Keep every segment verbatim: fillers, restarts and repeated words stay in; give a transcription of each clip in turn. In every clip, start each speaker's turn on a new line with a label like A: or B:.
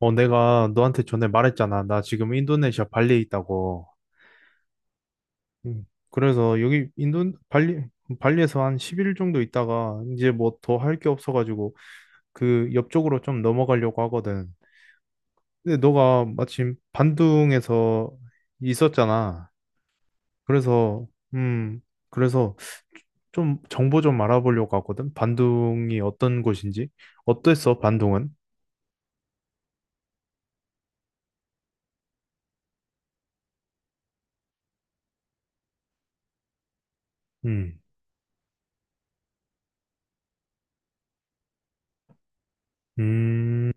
A: 어, 내가 너한테 전에 말했잖아. 나 지금 인도네시아 발리에 있다고. 음, 그래서 여기 인도 발리 발리에서 한 십 일 정도 있다가 이제 뭐 더 할 게 없어가지고 그 옆쪽으로 좀 넘어가려고 하거든. 근데 너가 마침 반둥에서 있었잖아. 그래서 음 그래서 좀 정보 좀 알아보려고 하거든. 반둥이 어떤 곳인지 어땠어? 반둥은? 음. 음.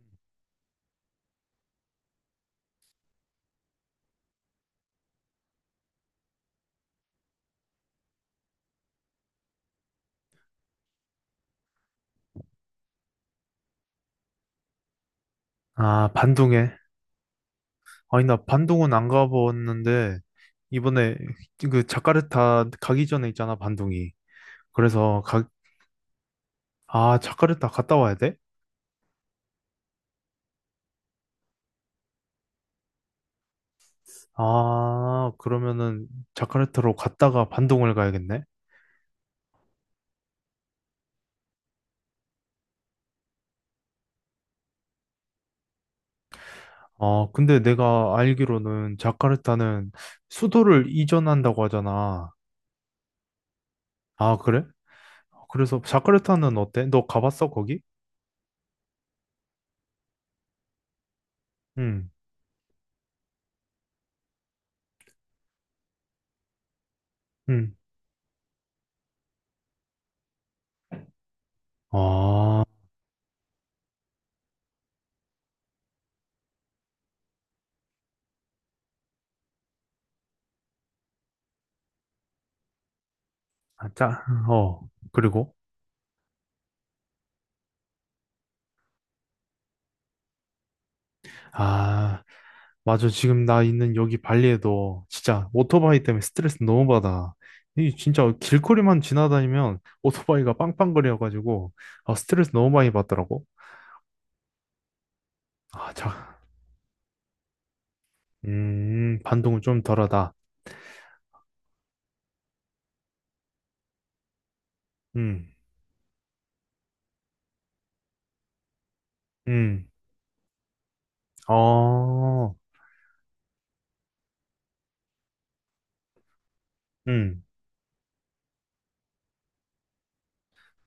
A: 아, 반둥에. 아니, 나 반동은 안 가봤는데, 이번에 그 자카르타 가기 전에 있잖아, 반동이. 그래서 가, 아, 자카르타 갔다 와야 돼? 아, 그러면은 자카르타로 갔다가 반동을 가야겠네? 아, 근데 내가 알기로는 자카르타는 수도를 이전한다고 하잖아. 아, 그래? 그래서 자카르타는 어때? 너 가봤어, 거기? 응, 응. 아, 자, 어, 그리고? 아, 맞아. 지금 나 있는 여기 발리에도 진짜 오토바이 때문에 스트레스 너무 받아. 이 진짜 길거리만 지나다니면 오토바이가 빵빵거려가지고 아, 스트레스 너무 많이 받더라고. 아, 자, 음, 반동은 좀 덜하다. 음. 음. 어. 음.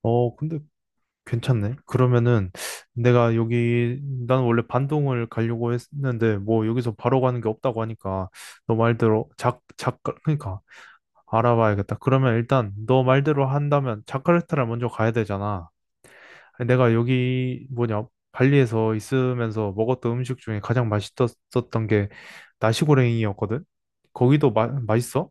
A: 어. 근데 괜찮네. 그러면은 내가 여기, 난 원래 반동을 가려고 했는데, 뭐 여기서 바로 가는 게 없다고 하니까, 너 말대로 작, 작, 그러니까 알아봐야겠다. 그러면 일단 너 말대로 한다면 자카르타를 먼저 가야 되잖아. 아니, 내가 여기 뭐냐 발리에서 있으면서 먹었던 음식 중에 가장 맛있었던 게 나시고랭이었거든. 거기도 마, 맛있어?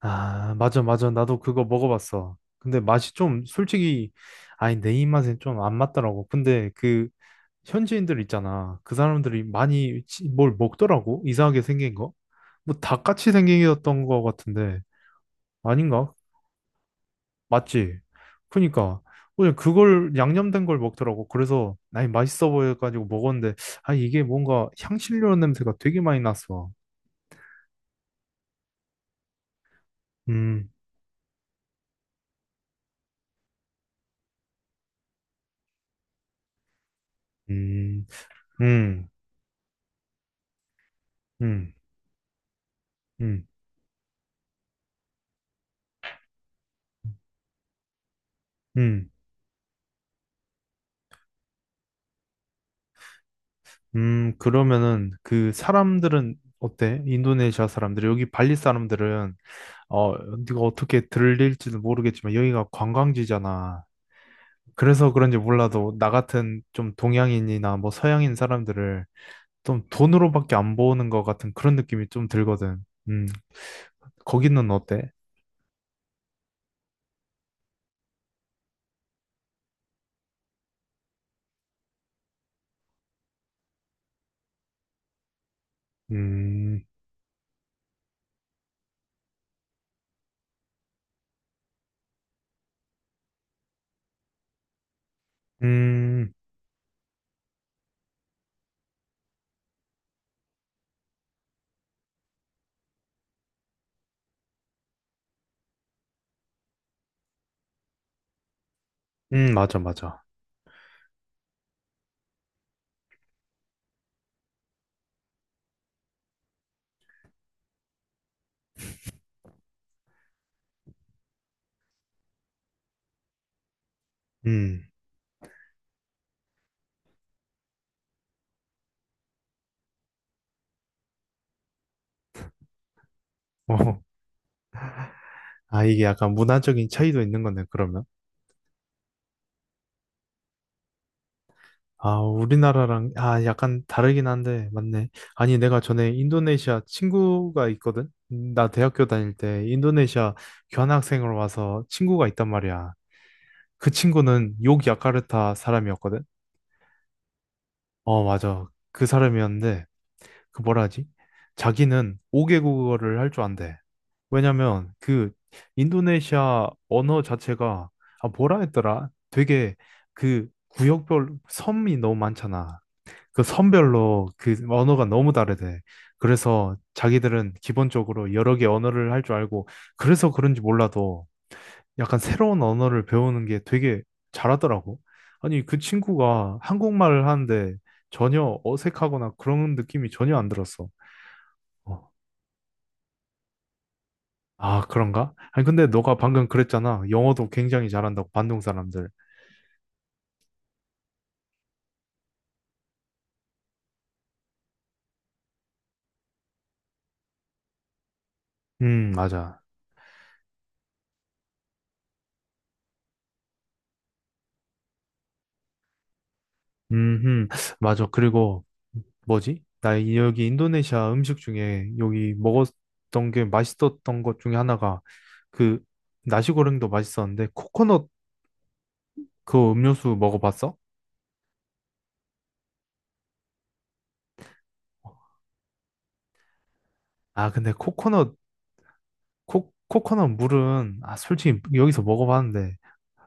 A: 아, 맞아, 맞아. 나도 그거 먹어봤어. 근데 맛이 좀 솔직히 아니 내 입맛에 좀 안 맞더라고. 근데 그 현지인들 있잖아. 그 사람들이 많이 치- 뭘 먹더라고. 이상하게 생긴 거. 뭐 닭같이 생겼던 거 같은데 아닌가? 맞지? 그러니까 그냥 그걸 양념된 걸 먹더라고. 그래서 아니 맛있어 보여가지고 먹었는데 아 이게 뭔가 향신료 냄새가 되게 많이 났어. 음. 음. 음. 음. 음. 음. 음. 그러면은 그 사람들은 어때? 인도네시아 사람들, 여기 발리 사람들은 어, 네가 어떻게 들릴지는 모르겠지만 여기가 관광지잖아. 그래서 그런지 몰라도 나 같은 좀 동양인이나 뭐 서양인 사람들을 좀 돈으로밖에 안 보는 것 같은 그런 느낌이 좀 들거든. 음. 거기는 어때? 음. 음. 음. 맞아, 맞아. 음, 어, 아, 이게 약간 문화적인 차이도 있는 거네, 아, 우리나라랑, 아, 약간 다르긴 한데, 맞네. 아니, 내가 전에 인도네시아 친구가 있거든? 나 대학교 다닐 때 인도네시아 교환학생으로 와서 친구가 있단 말이야. 그 친구는 욕야카르타 사람이었거든? 어, 맞아. 그 사람이었는데, 그 뭐라 하지? 자기는 다섯 개국어를 할 줄 안대. 왜냐면, 그 인도네시아 언어 자체가, 아, 뭐라 했더라? 되게 그 구역별 섬이 너무 많잖아. 그 선별로 그 언어가 너무 다르대. 그래서 자기들은 기본적으로 여러 개 언어를 할 줄 알고 그래서 그런지 몰라도 약간 새로운 언어를 배우는 게 되게 잘하더라고. 아니, 그 친구가 한국말을 하는데 전혀 어색하거나 그런 느낌이 전혀 안 들었어. 어, 아, 그런가? 아니, 근데 너가 방금 그랬잖아. 영어도 굉장히 잘한다고, 반동 사람들. 음, 맞아. 음, 맞아. 그리고 뭐지? 나 이- 여기 인도네시아 음식 중에 여기 먹었던 게 맛있었던 것 중에 하나가 그 나시고랭도 맛있었는데 코코넛 그 음료수 먹어봤어? 아, 근데 코코넛 코, 코코넛 물은 아, 솔직히 여기서 먹어봤는데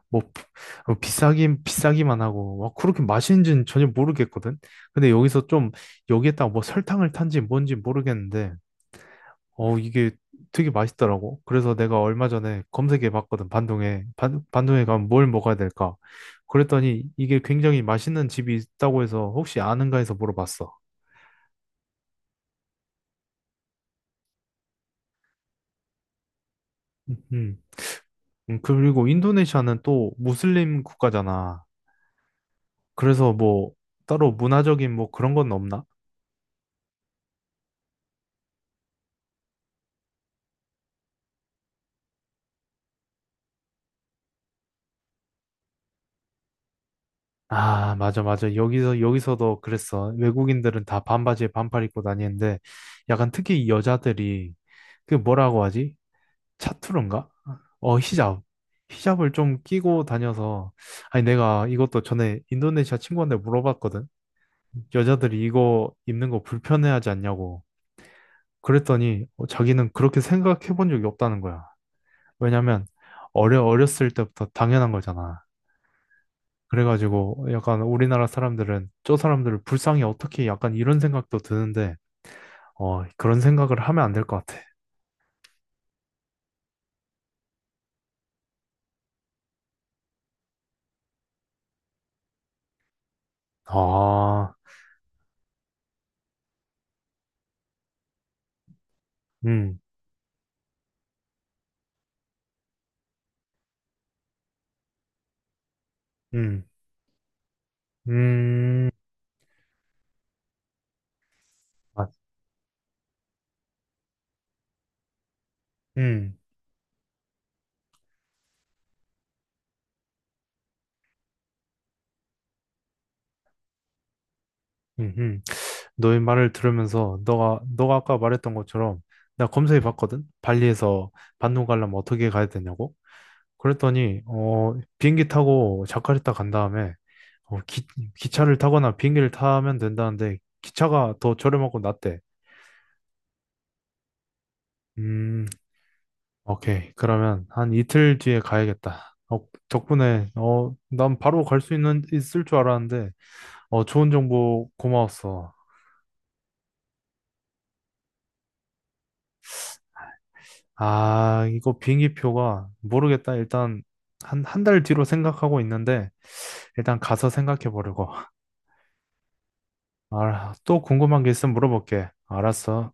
A: 뭐 비- 어, 비싸긴 비싸기만 하고 와, 그렇게 맛있는지는 전혀 모르겠거든. 근데 여기서 좀 여기에다가 뭐 설탕을 탄지 뭔지 모르겠는데 어, 이게 되게 맛있더라고. 그래서 내가 얼마 전에 검색해 봤거든, 반동에. 반, 반동에 가면 뭘 먹어야 될까? 그랬더니 이게 굉장히 맛있는 집이 있다고 해서 혹시 아는가 해서 물어봤어. 음. 음. 음, 그리고 인도네시아는 또 무슬림 국가잖아. 그래서 뭐 따로 문화적인 뭐 그런 건 없나? 아, 맞아, 맞아. 여기서, 여기서도 그랬어. 외국인들은 다 반바지에 반팔 입고 다니는데 약간 특히 여자들이 그 뭐라고 하지? 차투른가? 어, 히잡. 히잡을 좀 끼고 다녀서, 아니, 내가 이것도 전에 인도네시아 친구한테 물어봤거든. 여자들이 이거 입는 거 불편해하지 않냐고. 그랬더니 어, 자기는 그렇게 생각해 본 적이 없다는 거야. 왜냐면 어려, 어렸을 때부터 당연한 거잖아. 그래가지고 약간 우리나라 사람들은 저 사람들을 불쌍히 어떻게 약간 이런 생각도 드는데, 어, 그런 생각을 하면 안 될 것 같아. 아. 음. 음. 음. 아. 음. 음. 음. 너의 말을 들으면서 너가 너가 아까 말했던 것처럼 나 검색해 봤거든. 발리에서 반도 가려면 어떻게 가야 되냐고. 그랬더니 어 비행기 타고 자카르타 간 다음에 어, 기, 기차를 타거나 비행기를 타면 된다는데 기차가 더 저렴하고 낫대. 음, 오케이. 그러면 한 이틀 뒤에 가야겠다. 어, 덕분에 어 난 바로 갈 수 있는 있을 줄 알았는데 어 좋은 정보 고마웠어. 아, 이거 비행기표가 모르겠다. 일단 한, 한 달 뒤로 생각하고 있는데 일단 가서 생각해 보려고. 아, 또 궁금한 게 있으면 물어볼게. 알았어.